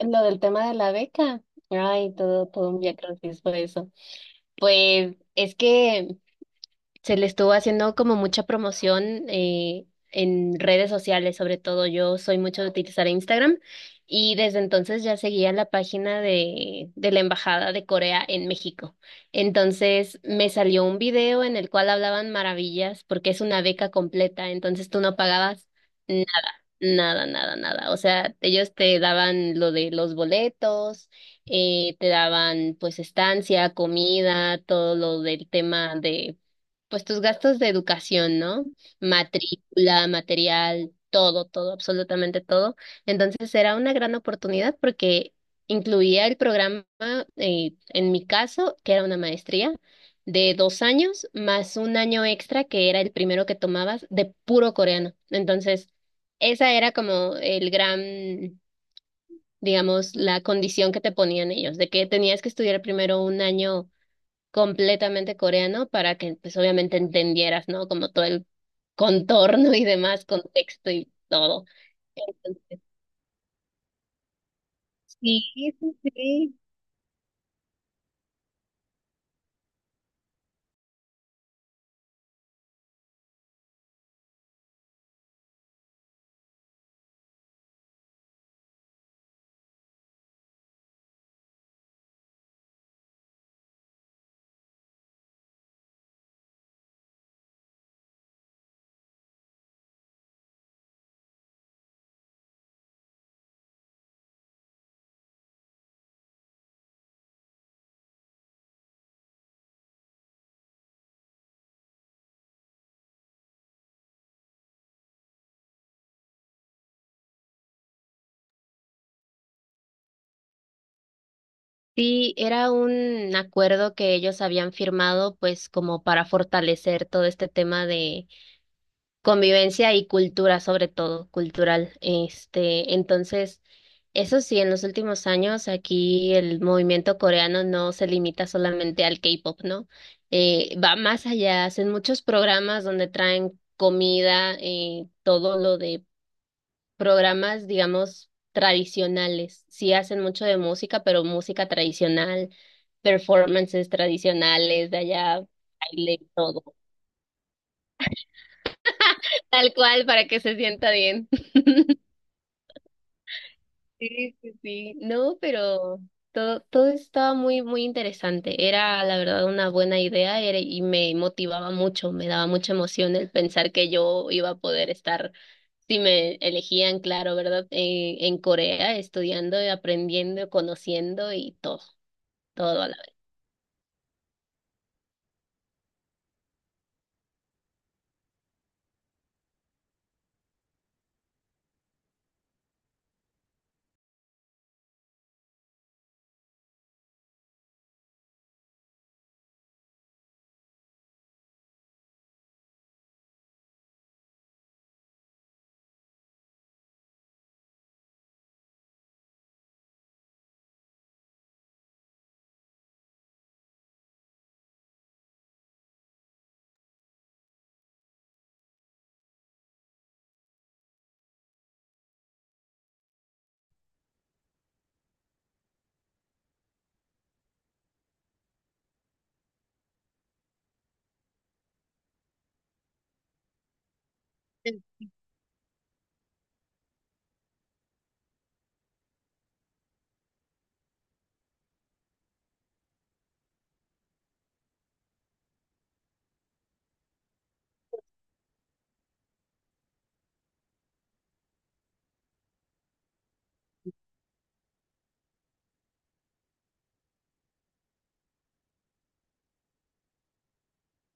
Lo del tema de la beca, ay, todo, todo un viacrucis fue eso. Pues es que se le estuvo haciendo como mucha promoción eh, en redes sociales, sobre todo yo soy mucho de utilizar Instagram y desde entonces ya seguía la página de la Embajada de Corea en México. Entonces me salió un video en el cual hablaban maravillas porque es una beca completa, entonces tú no pagabas. Nada, nada, nada. O sea, ellos te daban lo de los boletos, te daban pues estancia, comida, todo lo del tema de pues tus gastos de educación, ¿no? Matrícula, material, todo, todo, absolutamente todo. Entonces era una gran oportunidad porque incluía el programa, en mi caso, que era una maestría de 2 años más un año extra que era el primero que tomabas de puro coreano. Entonces, esa era como el gran, digamos, la condición que te ponían ellos, de que tenías que estudiar primero un año completamente coreano para que pues obviamente entendieras, ¿no? Como todo el contorno y demás, contexto y todo. Entonces, sí, sí, sí. Sí, era un acuerdo que ellos habían firmado pues como para fortalecer todo este tema de convivencia y cultura, sobre todo, cultural. Este, entonces, eso sí, en los últimos años aquí el movimiento coreano no se limita solamente al K-pop, ¿no? Va más allá, hacen muchos programas donde traen comida, todo lo de programas, digamos, tradicionales. Sí hacen mucho de música, pero música tradicional, performances tradicionales de allá, baile, todo. Tal cual, para que se sienta bien. Sí, sí, sí. No, pero todo, todo estaba muy, muy interesante. Era, la verdad, una buena idea y me motivaba mucho, me daba mucha emoción el pensar que yo iba a poder estar, si me elegían, claro, ¿verdad? En Corea, estudiando, y aprendiendo, conociendo y todo, todo a la vez.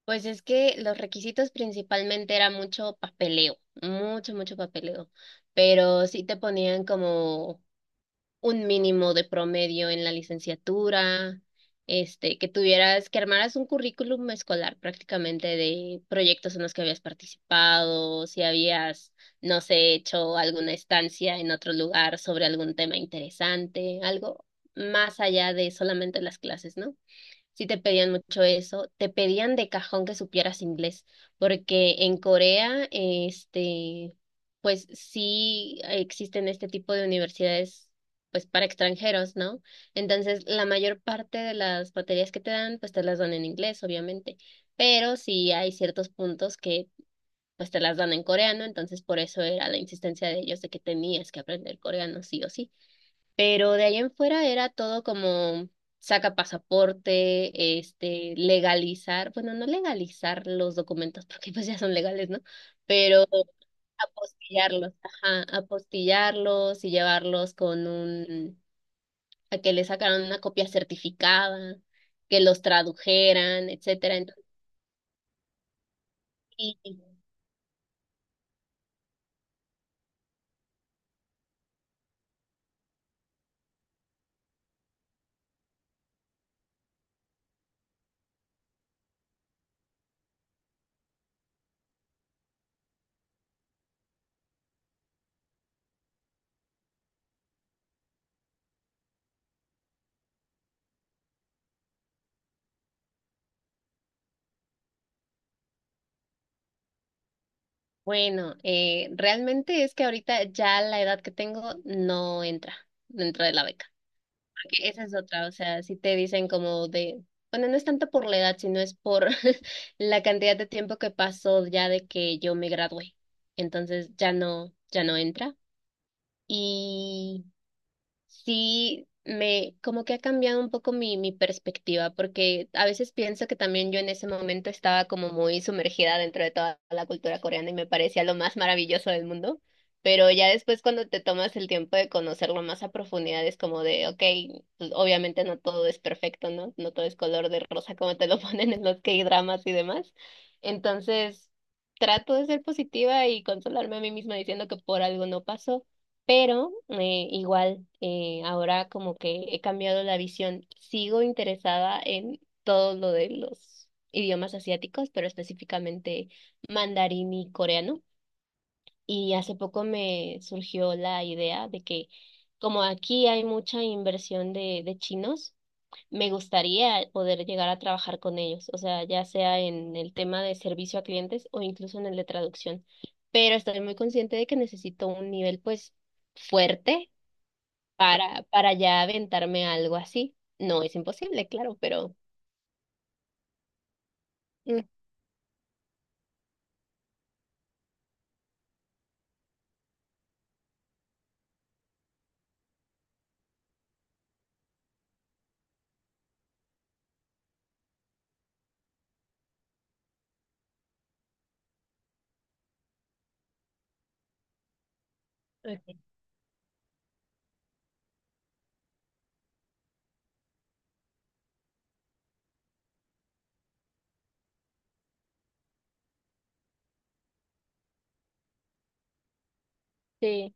Pues es que los requisitos principalmente era mucho papeleo, mucho, mucho papeleo. Pero sí te ponían como un mínimo de promedio en la licenciatura, que tuvieras, que armaras un currículum escolar prácticamente de proyectos en los que habías participado, si habías, no sé, hecho alguna estancia en otro lugar sobre algún tema interesante, algo más allá de solamente las clases, ¿no? Sí te pedían mucho eso, te pedían de cajón que supieras inglés, porque en Corea, pues sí existen este tipo de universidades, pues para extranjeros, ¿no? Entonces, la mayor parte de las materias que te dan, pues te las dan en inglés, obviamente, pero sí hay ciertos puntos que, pues te las dan en coreano, entonces por eso era la insistencia de ellos de que tenías que aprender coreano, sí o sí. Pero de ahí en fuera era todo como saca pasaporte, legalizar, bueno, no legalizar los documentos porque pues ya son legales, ¿no? Pero apostillarlos, ajá, apostillarlos y llevarlos con un, a que le sacaran una copia certificada, que los tradujeran, etcétera. Entonces, y- bueno, realmente es que ahorita ya la edad que tengo no entra dentro de la beca. Que esa es otra, o sea, si te dicen como de, bueno, no es tanto por la edad, sino es por la cantidad de tiempo que pasó ya de que yo me gradué. Entonces ya no, ya no entra. Y sí me, como que ha cambiado un poco mi perspectiva, porque a veces pienso que también yo en ese momento estaba como muy sumergida dentro de toda la cultura coreana y me parecía lo más maravilloso del mundo, pero ya después cuando te tomas el tiempo de conocerlo más a profundidad es como de, ok, pues, obviamente no todo es perfecto, ¿no? No todo es color de rosa como te lo ponen en los K-dramas y demás. Entonces, trato de ser positiva y consolarme a mí misma diciendo que por algo no pasó. Pero igual, ahora como que he cambiado la visión, sigo interesada en todo lo de los idiomas asiáticos, pero específicamente mandarín y coreano. Y hace poco me surgió la idea de que como aquí hay mucha inversión de chinos, me gustaría poder llegar a trabajar con ellos, o sea, ya sea en el tema de servicio a clientes o incluso en el de traducción. Pero estoy muy consciente de que necesito un nivel pues fuerte para, ya aventarme algo así. No es imposible, claro, pero, mm, ok, sí.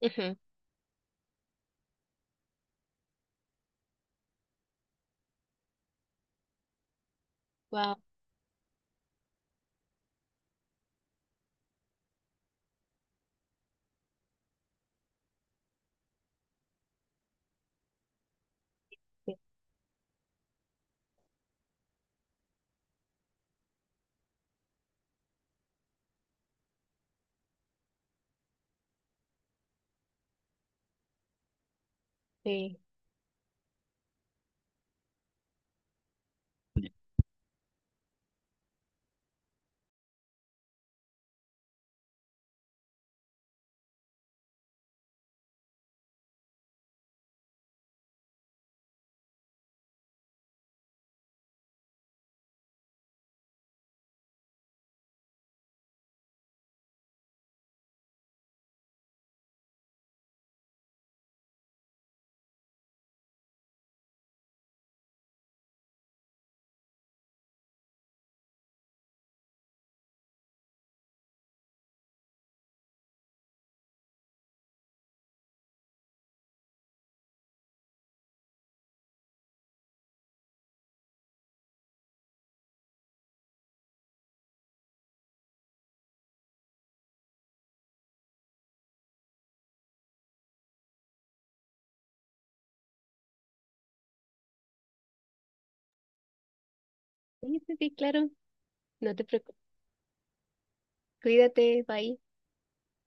Ujú. Wow, sí, sí, sí, sí, sí, claro, no te preocupes, cuídate, bye.